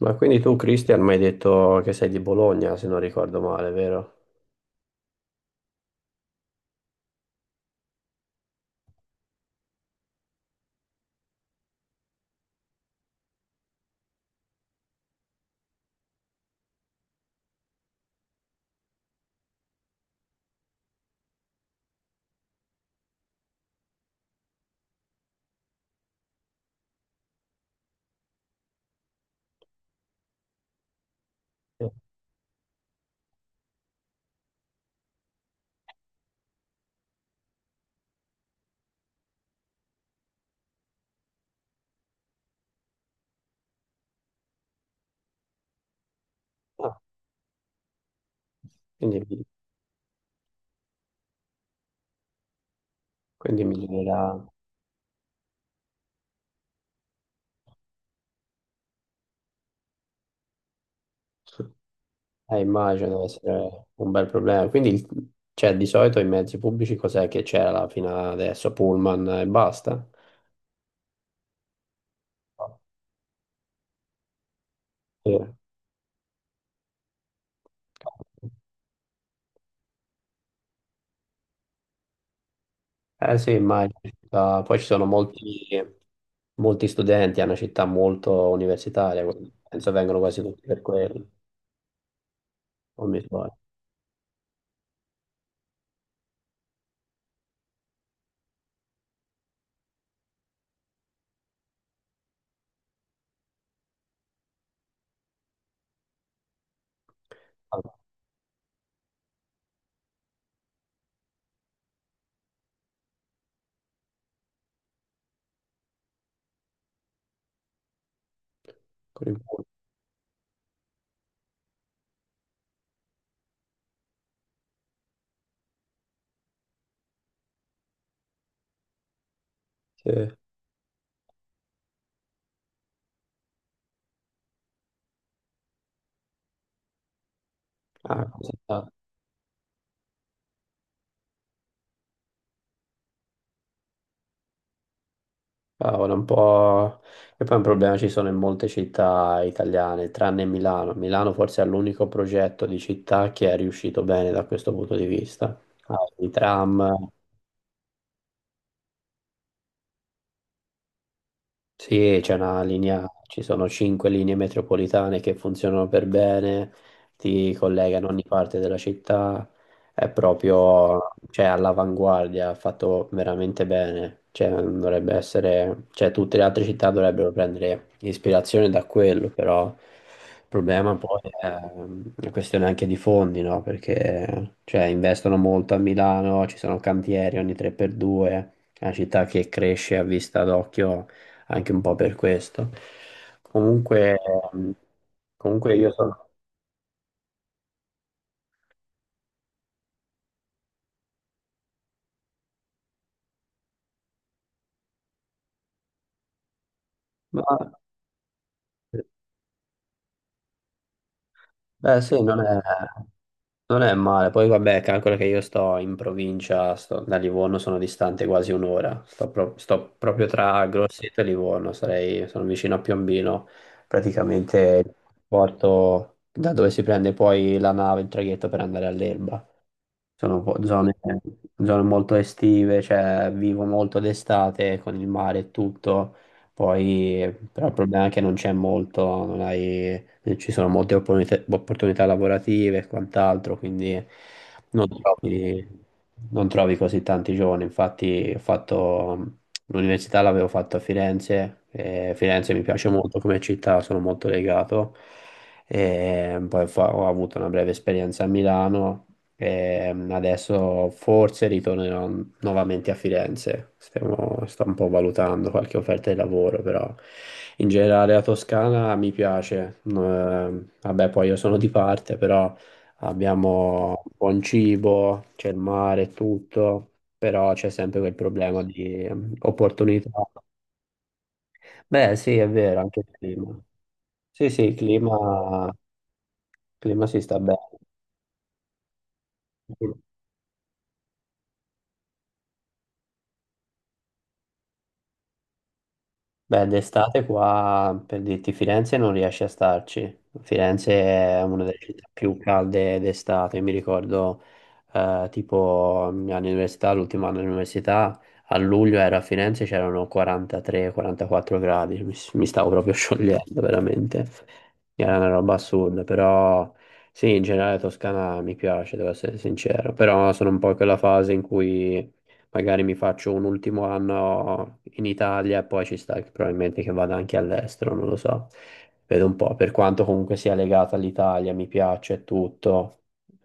Ma quindi tu, Cristian, mi hai detto che sei di Bologna, se non ricordo male, vero? Sì. Ah, quindi, quindi migliorerà. Immagino deve essere un bel problema. Quindi, cioè, di solito i mezzi pubblici cos'è che c'era fino adesso? Pullman e basta? Sì. Eh sì, immagino. Ah, poi ci sono molti, molti studenti, è una città molto universitaria, quindi penso vengano quasi tutti per quello, non mi sbaglio. Ah, per il- sì. Ah, cavolo, un po'. E poi un problema ci sono in molte città italiane, tranne Milano. Milano forse è l'unico progetto di città che è riuscito bene da questo punto di vista. Ha i tram. Sì, c'è una linea, ci sono cinque linee metropolitane che funzionano per bene, ti collegano a ogni parte della città, è proprio, cioè, all'avanguardia, fatto veramente bene, cioè, dovrebbe essere, cioè, tutte le altre città dovrebbero prendere ispirazione da quello, però il problema poi è una questione anche di fondi, no? Perché, cioè, investono molto a Milano, ci sono cantieri ogni 3x2, è una città che cresce a vista d'occhio anche un po' per questo. Comunque, ehm, comunque, io sono. Ma, beh sì, non è male. Poi vabbè, calcola che io sto in provincia, da Livorno sono distante quasi un'ora. Sto proprio tra Grosseto e Livorno, sarei, sono vicino a Piombino, praticamente il porto da dove si prende poi la nave, il traghetto per andare all'Elba. Sono po- zone, zone molto estive, cioè vivo molto d'estate con il mare e tutto, poi però il problema è che non c'è molto, non ci sono molte opportunità lavorative e quant'altro, quindi non trovi, non trovi così tanti giovani. Infatti ho fatto l'università, l'avevo fatto a Firenze, e Firenze mi piace molto come città, sono molto legato e poi ho avuto una breve esperienza a Milano e adesso forse ritornerò nuovamente a Firenze. Sto un po' valutando qualche offerta di lavoro, però in generale la Toscana mi piace. No, vabbè, poi io sono di parte, però abbiamo buon cibo, c'è il mare, e tutto, però c'è sempre quel problema di opportunità. Beh, sì, è vero, anche il clima. Sì, sì, il clima si sta bene. Beh, d'estate qua, per dirti, Firenze non riesce a starci. Firenze è una delle città più calde d'estate. Mi ricordo, tipo, all'università, l'ultimo anno all'università, a luglio ero a Firenze, c'erano 43-44 gradi. Mi stavo proprio sciogliendo, veramente. Era una roba assurda, però sì, in generale Toscana mi piace, devo essere sincero. Però sono un po' in quella fase in cui magari mi faccio un ultimo anno in Italia e poi ci sta che probabilmente che vada anche all'estero, non lo so. Vedo un po', per quanto comunque sia legata all'Italia, mi piace e tutto,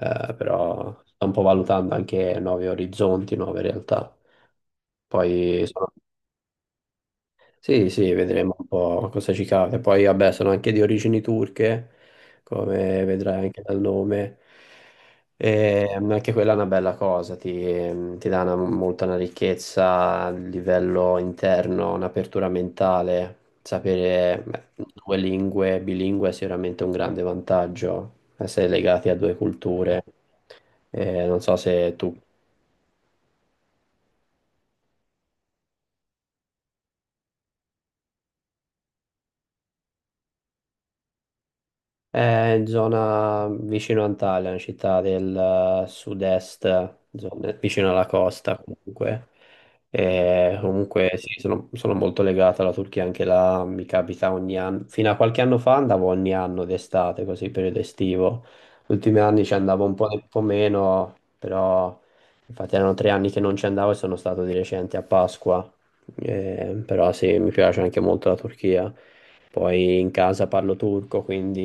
però sto un po' valutando anche nuovi orizzonti, nuove realtà. Poi sono Sì, sì, vedremo un po' cosa ci capita. Poi, vabbè, sono anche di origini turche, come vedrai anche dal nome. E anche quella è una bella cosa, ti dà molta una ricchezza a livello interno, un'apertura mentale. Sapere, beh, due lingue, bilingue è sicuramente un grande vantaggio, essere legati a due culture. Non so se tu. È in zona vicino Antalya, una città del sud-est, vicino alla costa comunque. E comunque sì, sono molto legato alla Turchia, anche là mi capita ogni anno. Fino a qualche anno fa andavo ogni anno d'estate, così periodo estivo. Gli ultimi anni ci andavo un po' meno, però infatti erano 3 anni che non ci andavo e sono stato di recente a Pasqua. Però sì, mi piace anche molto la Turchia. Poi in casa parlo turco, quindi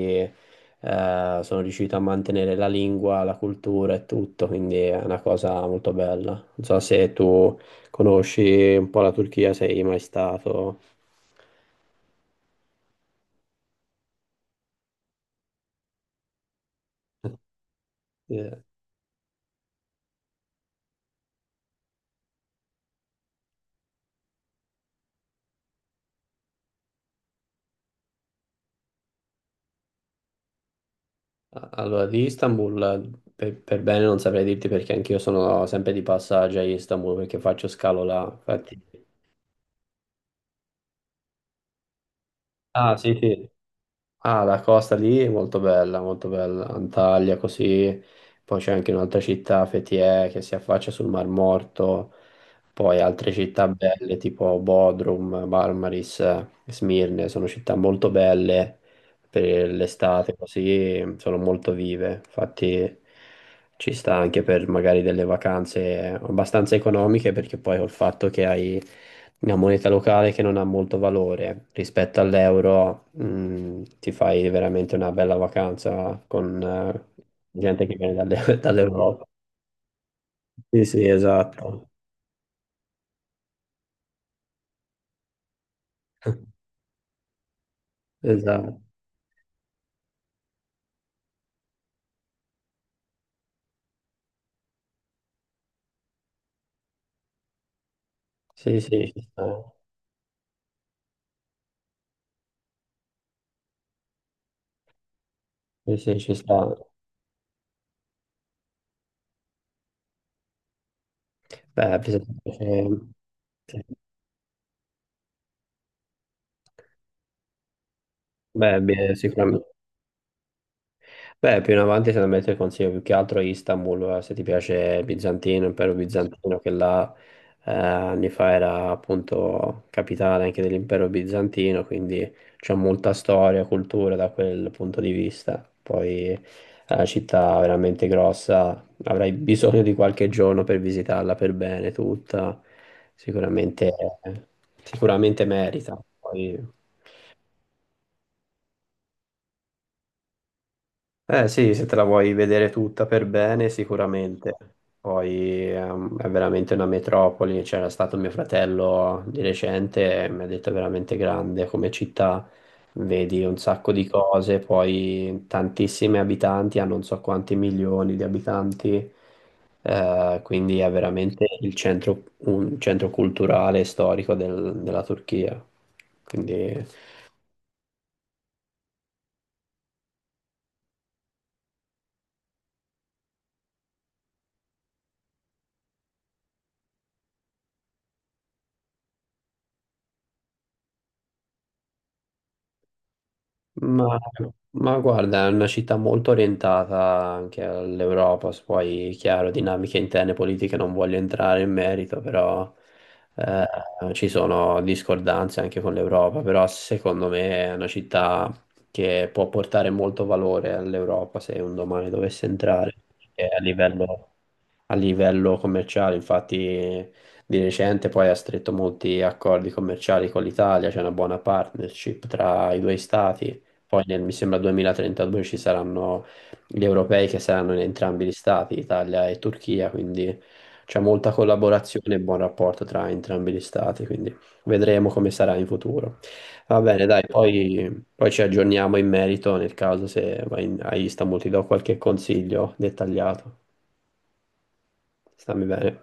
sono riuscito a mantenere la lingua, la cultura e tutto, quindi è una cosa molto bella. Non so se tu conosci un po' la Turchia, sei mai stato. Eh, Allora, di Istanbul per bene non saprei dirti perché anch'io sono sempre di passaggio a Istanbul perché faccio scalo là. Infatti. Ah, sì, sì. Ah, la costa lì è molto bella, molto bella. Antalya così, poi c'è anche un'altra città, Fethiye, che si affaccia sul Mar Morto, poi altre città belle tipo Bodrum, Marmaris, Smirne, sono città molto belle per l'estate, così sono molto vive, infatti ci sta anche per magari delle vacanze abbastanza economiche perché poi col fatto che hai una moneta locale che non ha molto valore rispetto all'euro, ti fai veramente una bella vacanza con gente che viene dall'Europa. Sì, sì, esatto. Esatto. Sì, sì, ci sta. Sì, sì, ci sta. Beh, sì. Beh, sicuramente. Beh, più in avanti secondo me ti consiglio più che altro Istanbul, se ti piace Bizantino, impero bizantino, che là anni fa era appunto capitale anche dell'impero bizantino, quindi c'è molta storia, cultura da quel punto di vista. Poi è una città veramente grossa, avrai bisogno di qualche giorno per visitarla per bene tutta, sicuramente, sicuramente merita. Poi. Eh sì, se te la vuoi vedere tutta per bene, sicuramente. Poi è veramente una metropoli. C'era stato mio fratello di recente e mi ha detto è veramente grande come città. Vedi un sacco di cose, poi tantissimi abitanti, ha non so quanti milioni di abitanti, quindi è veramente il centro, un centro culturale e storico della Turchia. Quindi. Ma, ma, guarda, è una città molto orientata anche all'Europa, se poi chiaro, dinamiche interne politiche non voglio entrare in merito, però ci sono discordanze anche con l'Europa, però secondo me è una città che può portare molto valore all'Europa se un domani dovesse entrare, perché a livello, commerciale, infatti di recente poi ha stretto molti accordi commerciali con l'Italia, c'è una buona partnership tra i due stati. Poi nel, mi sembra 2032, ci saranno gli europei che saranno in entrambi gli stati, Italia e Turchia, quindi c'è molta collaborazione e buon rapporto tra entrambi gli stati, quindi vedremo come sarà in futuro. Va bene, dai, poi, ci aggiorniamo in merito nel caso se vai a Istanbul, ti do qualche consiglio dettagliato. Stammi bene.